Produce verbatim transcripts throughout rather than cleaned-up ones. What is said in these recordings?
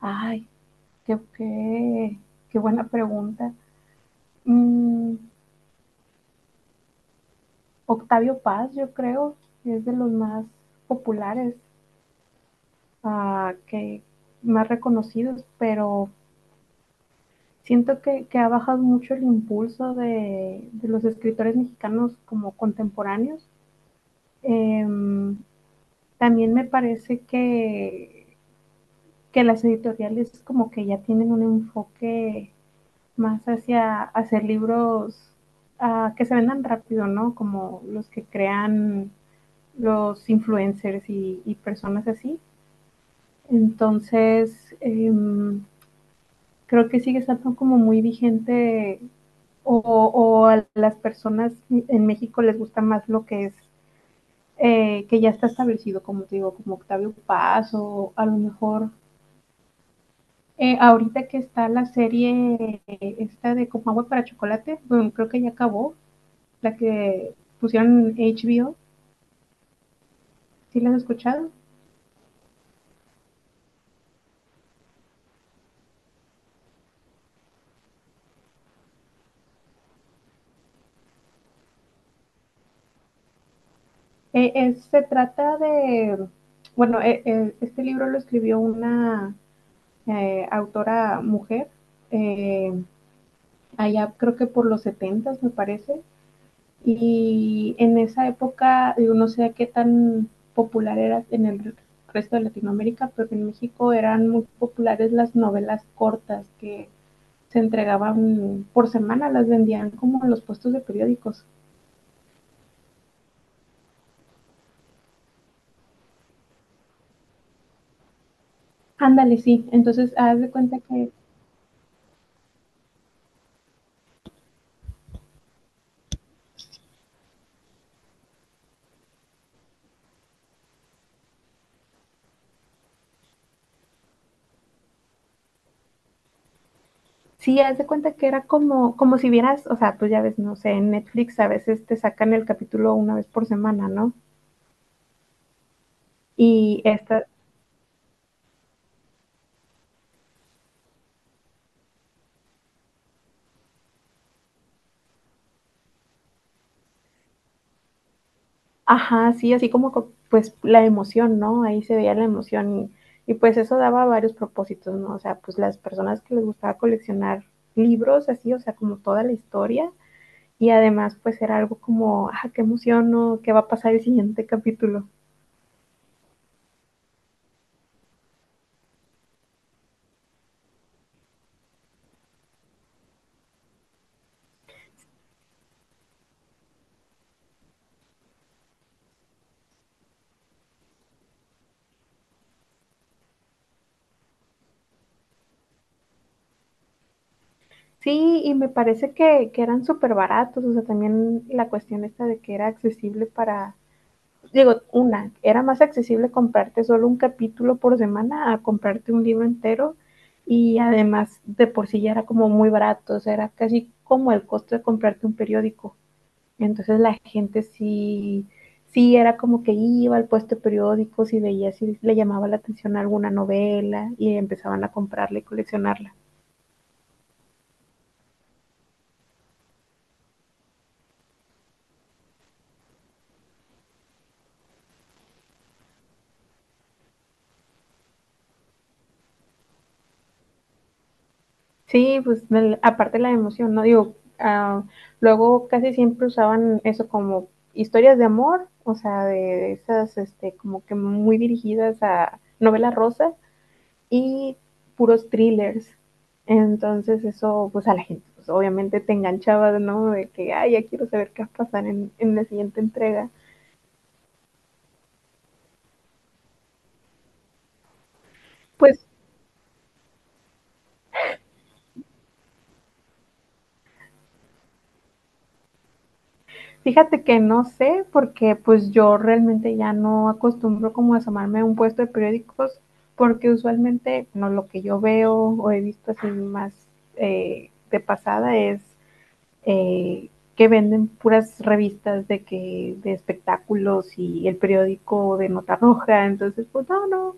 Ay, qué, qué, qué buena pregunta. Mm, Octavio Paz, yo creo, es de los más populares, ah, que más reconocidos, pero siento que, que ha bajado mucho el impulso de, de los escritores mexicanos como contemporáneos. Em, También me parece que, que las editoriales como que ya tienen un enfoque más hacia, hacer libros ah, que se vendan rápido, ¿no? Como los que crean los influencers y, y personas así. Entonces, eh, creo que sigue estando como muy vigente o, o, a las personas en México les gusta más lo que es, eh, que ya está establecido, como te digo, como Octavio Paz o a lo mejor eh, ahorita que está la serie esta de Como Agua para Chocolate, bueno, creo que ya acabó, la que pusieron H B O, ¿sí la has escuchado? Eh, es, se trata de, bueno, eh, eh, este libro lo escribió una eh, autora mujer, eh, allá creo que por los setentas me parece, y en esa época, yo no sé qué tan popular era en el resto de Latinoamérica, pero en México eran muy populares las novelas cortas que se entregaban por semana, las vendían como en los puestos de periódicos. Ándale, sí. Entonces, haz de cuenta que, sí, haz de cuenta que era como, como si vieras, o sea, pues ya ves, no sé, en Netflix a veces te sacan el capítulo una vez por semana, ¿no? Y esta, ajá, sí, así como, co- pues la emoción, ¿no? Ahí se veía la emoción y, y pues eso daba varios propósitos, ¿no? O sea, pues las personas que les gustaba coleccionar libros, así, o sea, como toda la historia y además pues era algo como, ah, qué emoción, ¿no? ¿Qué va a pasar el siguiente capítulo? Sí, y me parece que, que eran súper baratos, o sea, también la cuestión esta de que era accesible para, digo, una, era más accesible comprarte solo un capítulo por semana a comprarte un libro entero y además de por sí ya era como muy barato, o sea, era casi como el costo de comprarte un periódico. Entonces la gente sí, sí era como que iba al puesto de periódicos y veía si le llamaba la atención alguna novela y empezaban a comprarla y coleccionarla. Sí, pues del- aparte la emoción, ¿no? Digo, ah, luego casi siempre usaban eso como historias de amor, o sea, de esas, este, como que muy dirigidas a novela rosa y puros thrillers. Entonces eso, pues a la gente, pues obviamente te enganchaba, ¿no? De que, ay, ya quiero saber qué va a pasar en, en la siguiente entrega. Pues Fíjate que no sé, porque pues yo realmente ya no acostumbro como a asomarme a un puesto de periódicos, porque usualmente no lo que yo veo o he visto así más eh, de pasada es eh, que venden puras revistas de que de espectáculos y el periódico de nota roja, entonces pues no, no,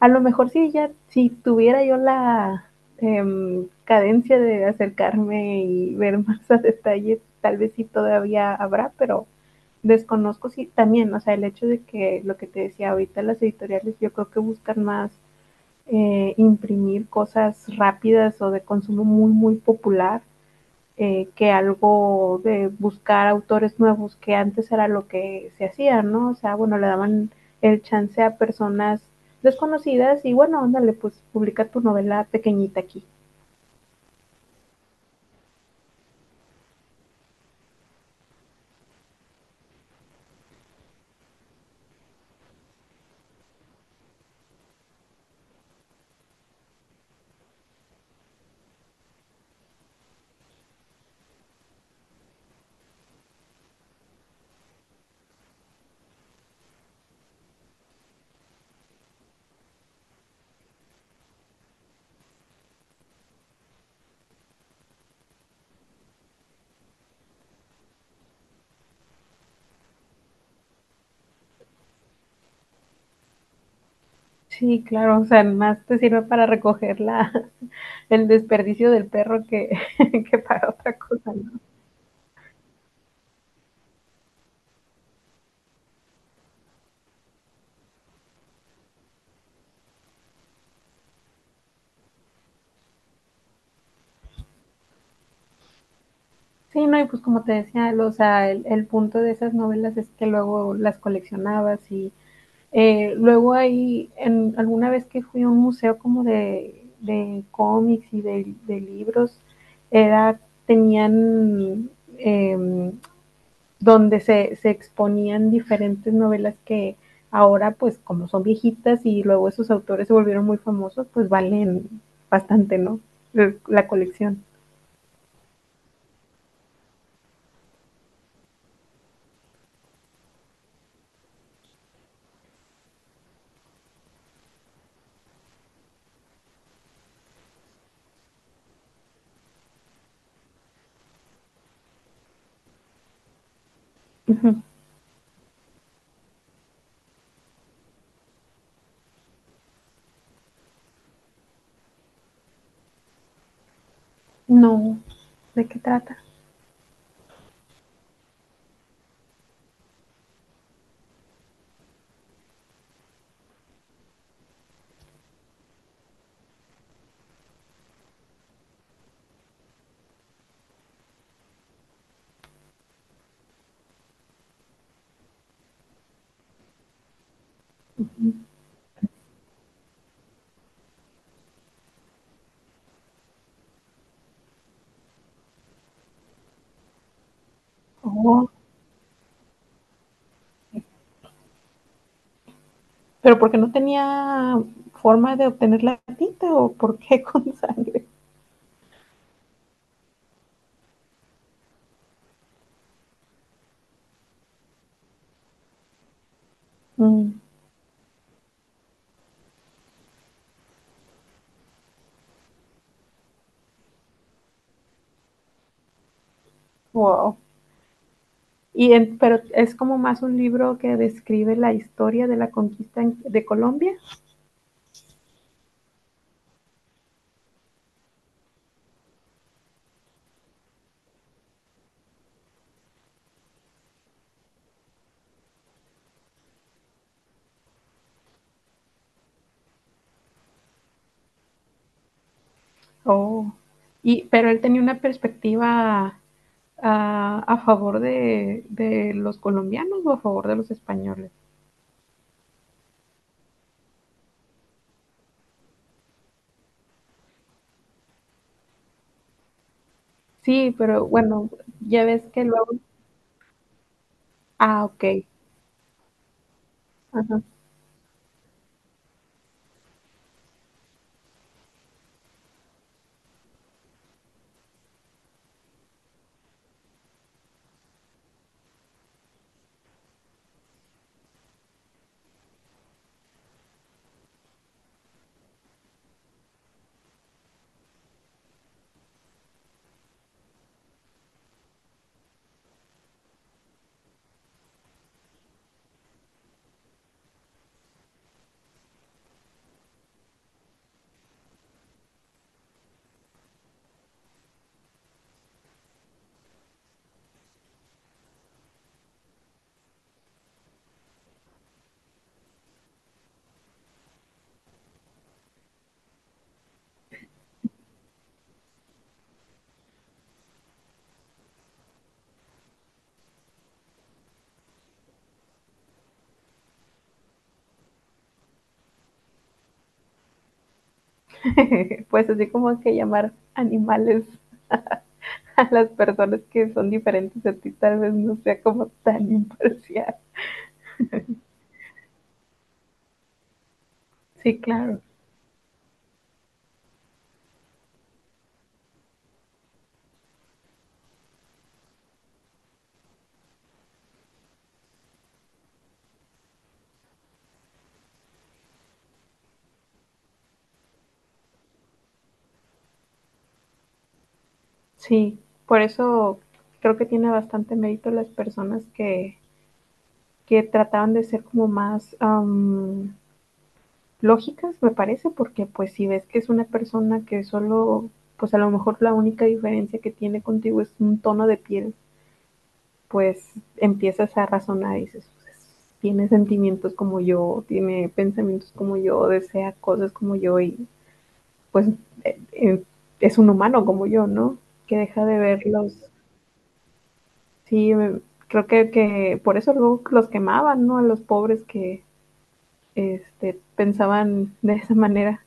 a lo mejor sí ya si tuviera yo la eh, cadencia de acercarme y ver más a detalle, tal vez sí todavía habrá, pero desconozco si sí, también, o sea, el hecho de que lo que te decía ahorita las editoriales, yo creo que buscan más eh, imprimir cosas rápidas o de consumo muy, muy popular eh, que algo de buscar autores nuevos, que antes era lo que se hacía, ¿no? O sea, bueno, le daban el chance a personas desconocidas y bueno, ándale, pues publica tu novela pequeñita aquí. Sí, claro, o sea, más te sirve para recoger la, el desperdicio del perro que, que para otra cosa, ¿no? Sí, no, y pues como te decía, o sea, el, el punto de esas novelas es que luego las coleccionabas y Eh, luego ahí, en, alguna vez que fui a un museo como de, de cómics y de, de libros, era, tenían eh, donde se, se exponían diferentes novelas que ahora, pues como son viejitas y luego esos autores se volvieron muy famosos, pues valen bastante, ¿no? Eh, La colección. Ujú. No, ¿de qué trata? Ujú. ¿Pero porque no tenía forma de obtener la tinta o por qué con sangre? Mm, wow. Y en- pero es como más un libro que describe la historia de la conquista de Colombia. Oh. Y, pero él tenía una perspectiva ah, a favor de, de los colombianos o a favor de los españoles. Sí, pero bueno, ya ves que luego... Ah, ok. Ajá. Pues así como que llamar animales a las personas que son diferentes a ti, tal vez no sea como tan imparcial. Sí, claro. Sí, por eso creo que tiene bastante mérito las personas que, que trataban de ser como más am, lógicas, me parece, porque pues si ves que es una persona que solo, pues a lo mejor la única diferencia que tiene contigo es un tono de piel, pues empiezas a razonar y dices, pues, tiene sentimientos como yo, tiene pensamientos como yo, desea cosas como yo y pues eh, es un humano como yo, ¿no? Que deja de verlos. Sí, me- creo que, que por eso luego los quemaban, ¿no? A los pobres que este, pensaban de esa manera.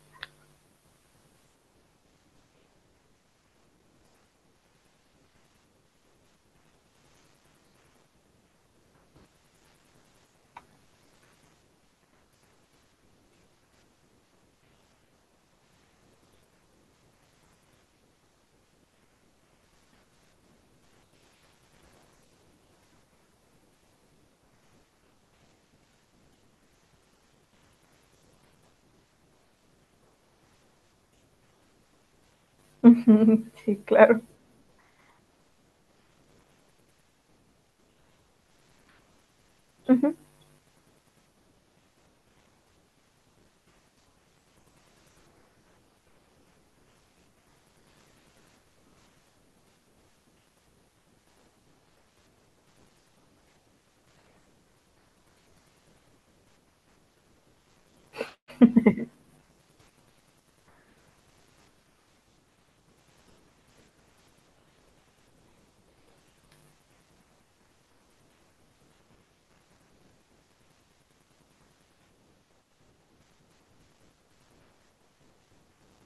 Ujú, sí, claro. Ujú,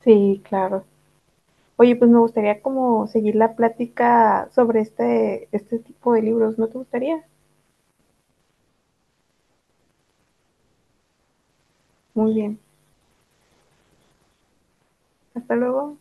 sí, claro. Oye, pues me gustaría como seguir la plática sobre este, este tipo de libros. ¿No te gustaría? Muy bien. Hasta luego.